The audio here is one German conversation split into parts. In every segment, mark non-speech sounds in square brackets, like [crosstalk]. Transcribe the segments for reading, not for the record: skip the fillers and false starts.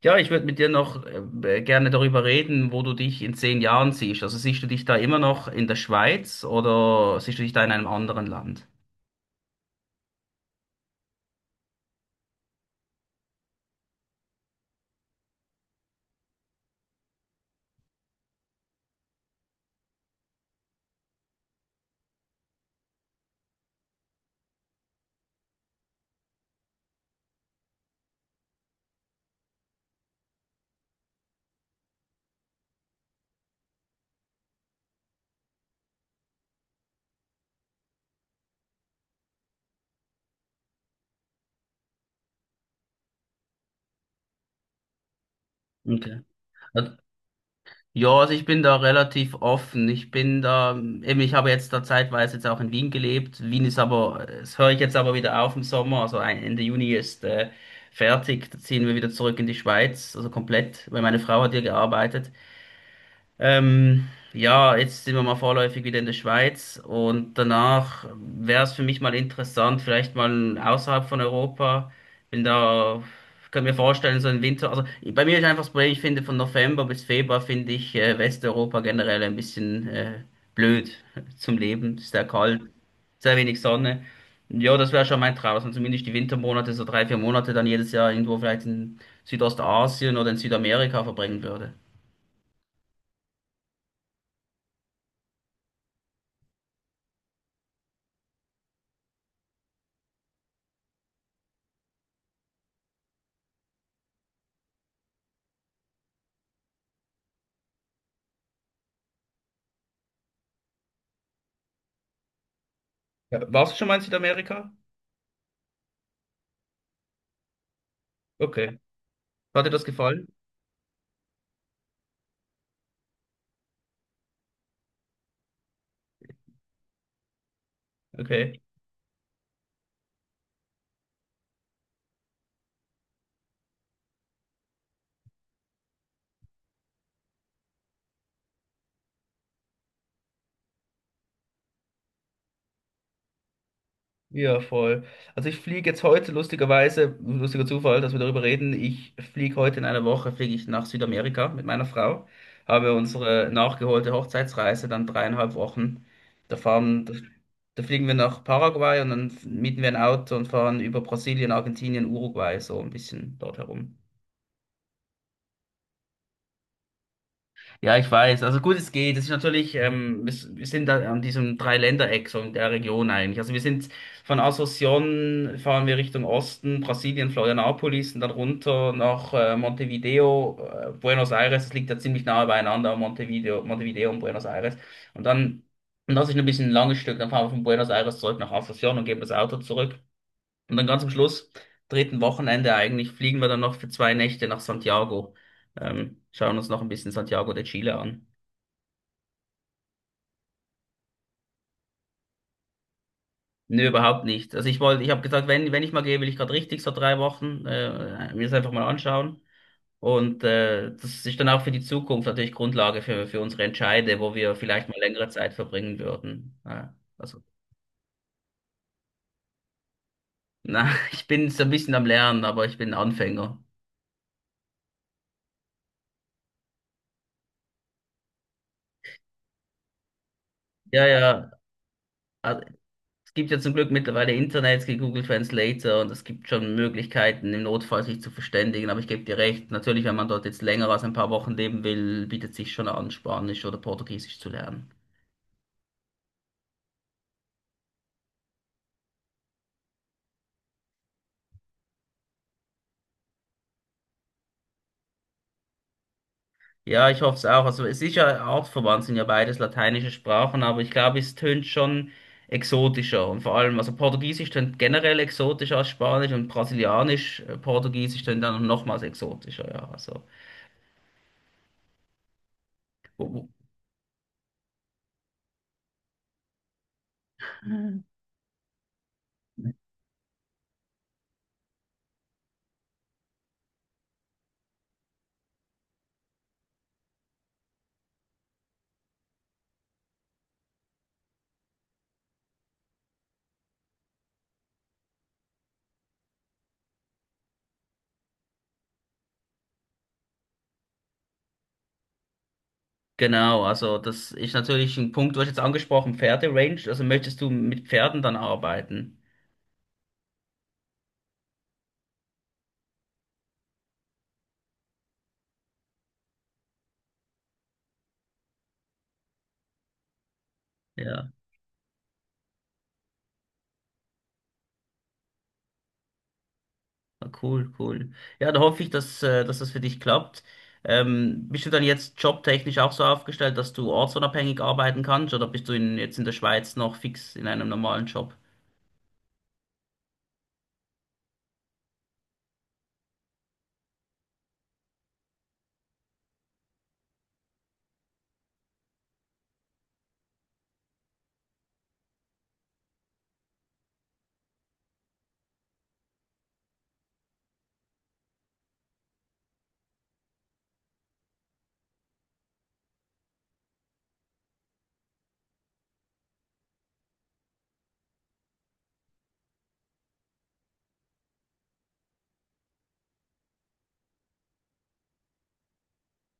Ja, ich würde mit dir noch gerne darüber reden, wo du dich in 10 Jahren siehst. Also siehst du dich da immer noch in der Schweiz oder siehst du dich da in einem anderen Land? Okay. Also, ja, also ich bin da relativ offen. Ich bin da, eben, ich habe jetzt da zeitweise jetzt auch in Wien gelebt. Wien ist aber, das höre ich jetzt aber wieder auf im Sommer. Also Ende Juni ist fertig. Da ziehen wir wieder zurück in die Schweiz, also komplett, weil meine Frau hat hier gearbeitet. Ja, jetzt sind wir mal vorläufig wieder in der Schweiz und danach wäre es für mich mal interessant, vielleicht mal außerhalb von Europa. Bin da, kann mir vorstellen, so im Winter. Also bei mir ist einfach das Problem, ich finde von November bis Februar finde ich Westeuropa generell ein bisschen blöd [laughs] zum Leben. Sehr kalt, sehr wenig Sonne. Ja, das wäre schon mein Traum, dass man zumindest die Wintermonate, so 3, 4 Monate dann jedes Jahr irgendwo vielleicht in Südostasien oder in Südamerika verbringen würde. Ja, warst du schon mal in Südamerika? Okay. Hat dir das gefallen? Okay. Ja, voll. Also ich fliege jetzt heute, lustigerweise, lustiger Zufall, dass wir darüber reden. Ich fliege heute in einer Woche, fliege ich nach Südamerika mit meiner Frau. Habe unsere nachgeholte Hochzeitsreise, dann 3,5 Wochen. Da fahren, da, Da fliegen wir nach Paraguay und dann mieten wir ein Auto und fahren über Brasilien, Argentinien, Uruguay, so ein bisschen dort herum. Ja, ich weiß. Also gut, es geht. Es ist natürlich, wir sind da an diesem Dreiländereck, so in der Region eigentlich. Also wir sind von Asunción fahren wir Richtung Osten, Brasilien, Florianópolis und dann runter nach Montevideo, Buenos Aires. Das liegt ja ziemlich nahe beieinander, Montevideo und Buenos Aires. Und dann, und das ist ein bisschen ein langes Stück, dann fahren wir von Buenos Aires zurück nach Asunción und geben das Auto zurück. Und dann ganz am Schluss, dritten Wochenende eigentlich, fliegen wir dann noch für 2 Nächte nach Santiago. Schauen uns noch ein bisschen Santiago de Chile an. Nö, überhaupt nicht. Also ich wollte, ich habe gesagt, wenn ich mal gehe, will ich gerade richtig so 3 Wochen mir das einfach mal anschauen. Und das ist dann auch für die Zukunft natürlich Grundlage für unsere Entscheide, wo wir vielleicht mal längere Zeit verbringen würden. Also, na, [laughs] ich bin so ein bisschen am Lernen, aber ich bin Anfänger. Ja, ja. Also, es gibt ja zum Glück mittlerweile Internet, es gibt Google Translator und es gibt schon Möglichkeiten, im Notfall sich zu verständigen. Aber ich gebe dir recht, natürlich, wenn man dort jetzt länger als ein paar Wochen leben will, bietet sich schon an, Spanisch oder Portugiesisch zu lernen. Ja, ich hoffe es auch. Also es ist ja artverwandt, sind ja beides lateinische Sprachen, aber ich glaube, es tönt schon exotischer. Und vor allem, also Portugiesisch tönt generell exotischer als Spanisch und Brasilianisch, Portugiesisch tönt dann nochmals exotischer, ja. Also, wo- wo- genau, also das ist natürlich ein Punkt, du hast jetzt angesprochen, Pferderange. Also möchtest du mit Pferden dann arbeiten? Ja, ah, cool, cool. Ja, da hoffe ich, dass das für dich klappt. Bist du dann jetzt jobtechnisch auch so aufgestellt, dass du ortsunabhängig arbeiten kannst oder bist du in, jetzt in der Schweiz noch fix in einem normalen Job?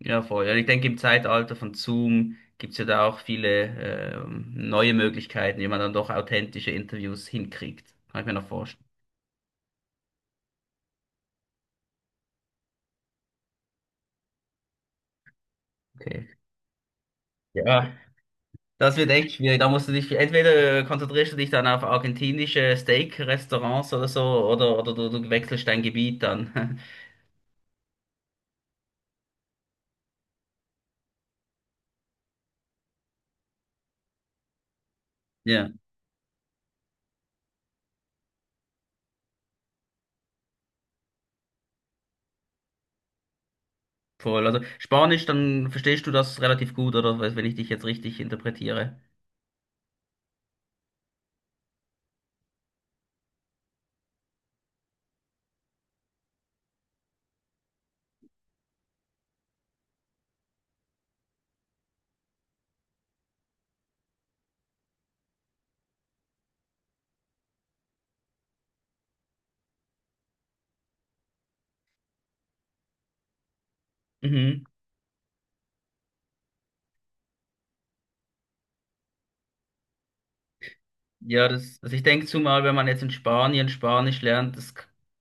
Ja, voll. Ja, ich denke, im Zeitalter von Zoom gibt es ja da auch viele neue Möglichkeiten, wie man dann doch authentische Interviews hinkriegt. Kann ich mir noch vorstellen. Okay. Ja, das wird echt schwierig. Da musst du dich, entweder konzentrierst du dich dann auf argentinische Steak-Restaurants oder so, oder du wechselst dein Gebiet dann. [laughs] Ja, voll. Also Spanisch, dann verstehst du das relativ gut, oder wenn ich dich jetzt richtig interpretiere. Mhm. Ja, also ich denke zumal, wenn man jetzt in Spanien Spanisch lernt,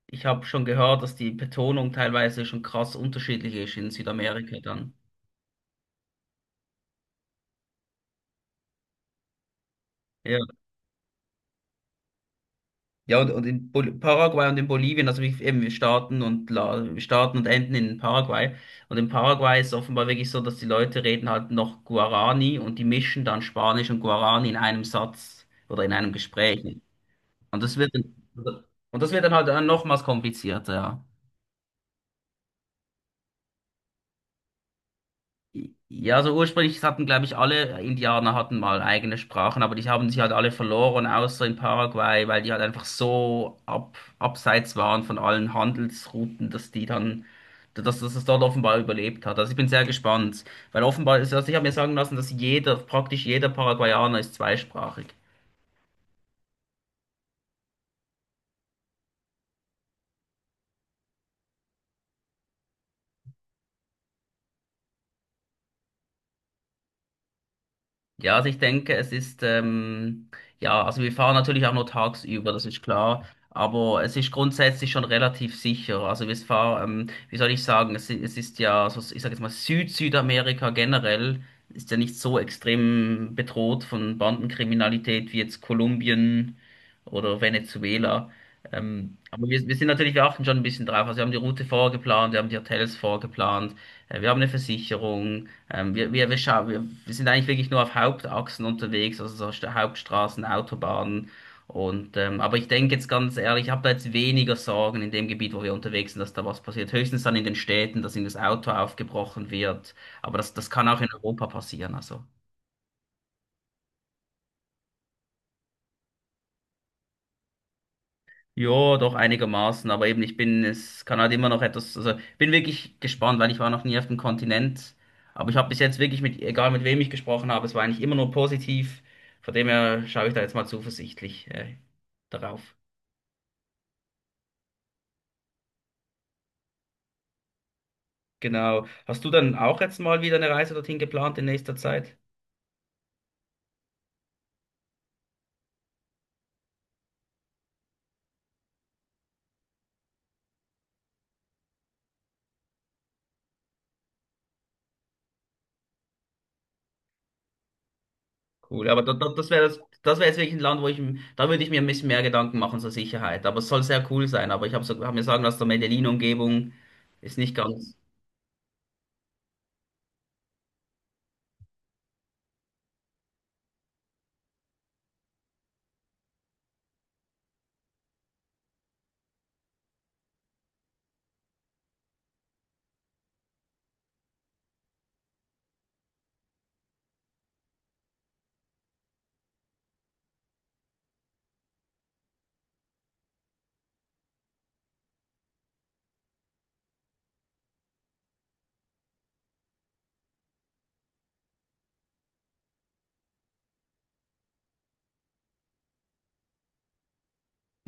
ich habe schon gehört, dass die Betonung teilweise schon krass unterschiedlich ist in Südamerika dann. Ja. Ja, und in Bol Paraguay und in Bolivien, also wir, eben, wir starten und enden in Paraguay. Und in Paraguay ist es offenbar wirklich so, dass die Leute reden halt noch Guarani und die mischen dann Spanisch und Guarani in einem Satz oder in einem Gespräch. Und das wird dann, und das wird dann halt dann nochmals komplizierter, ja. Ja, also ursprünglich hatten, glaube ich, alle Indianer hatten mal eigene Sprachen, aber die haben sich halt alle verloren, außer in Paraguay, weil die halt einfach so abseits waren von allen Handelsrouten, dass die dann, dass es dort offenbar überlebt hat. Also ich bin sehr gespannt, weil offenbar ist, also ich habe mir sagen lassen, dass jeder, praktisch jeder Paraguayaner ist zweisprachig. Ja, also ich denke, es ist, ja, also wir fahren natürlich auch nur tagsüber, das ist klar, aber es ist grundsätzlich schon relativ sicher. Also wir fahren, wie soll ich sagen, es ist ja, so, ich sage jetzt mal, Süd-Südamerika generell ist ja nicht so extrem bedroht von Bandenkriminalität wie jetzt Kolumbien oder Venezuela. Aber wir sind natürlich, wir achten schon ein bisschen drauf. Also wir haben die Route vorgeplant, wir haben die Hotels vorgeplant, wir haben eine Versicherung. Wir sind eigentlich wirklich nur auf Hauptachsen unterwegs, also so Hauptstraßen, Autobahnen. Und, aber ich denke jetzt ganz ehrlich, ich habe da jetzt weniger Sorgen in dem Gebiet, wo wir unterwegs sind, dass da was passiert. Höchstens dann in den Städten, dass ihnen das Auto aufgebrochen wird. Aber das kann auch in Europa passieren. Also. Ja, doch einigermaßen, aber eben ich bin, es kann halt immer noch etwas, also bin wirklich gespannt, weil ich war noch nie auf dem Kontinent, aber ich habe bis jetzt wirklich mit, egal mit wem ich gesprochen habe, es war eigentlich immer nur positiv, von dem her schaue ich da jetzt mal zuversichtlich darauf. Genau. Hast du dann auch jetzt mal wieder eine Reise dorthin geplant in nächster Zeit? Cool, aber das wäre das wäre jetzt wirklich ein Land, da würde ich mir ein bisschen mehr Gedanken machen zur Sicherheit, aber es soll sehr cool sein, aber ich habe so, hab mir sagen lassen, der Medellin-Umgebung ist nicht ganz,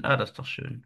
ah, das ist doch schön.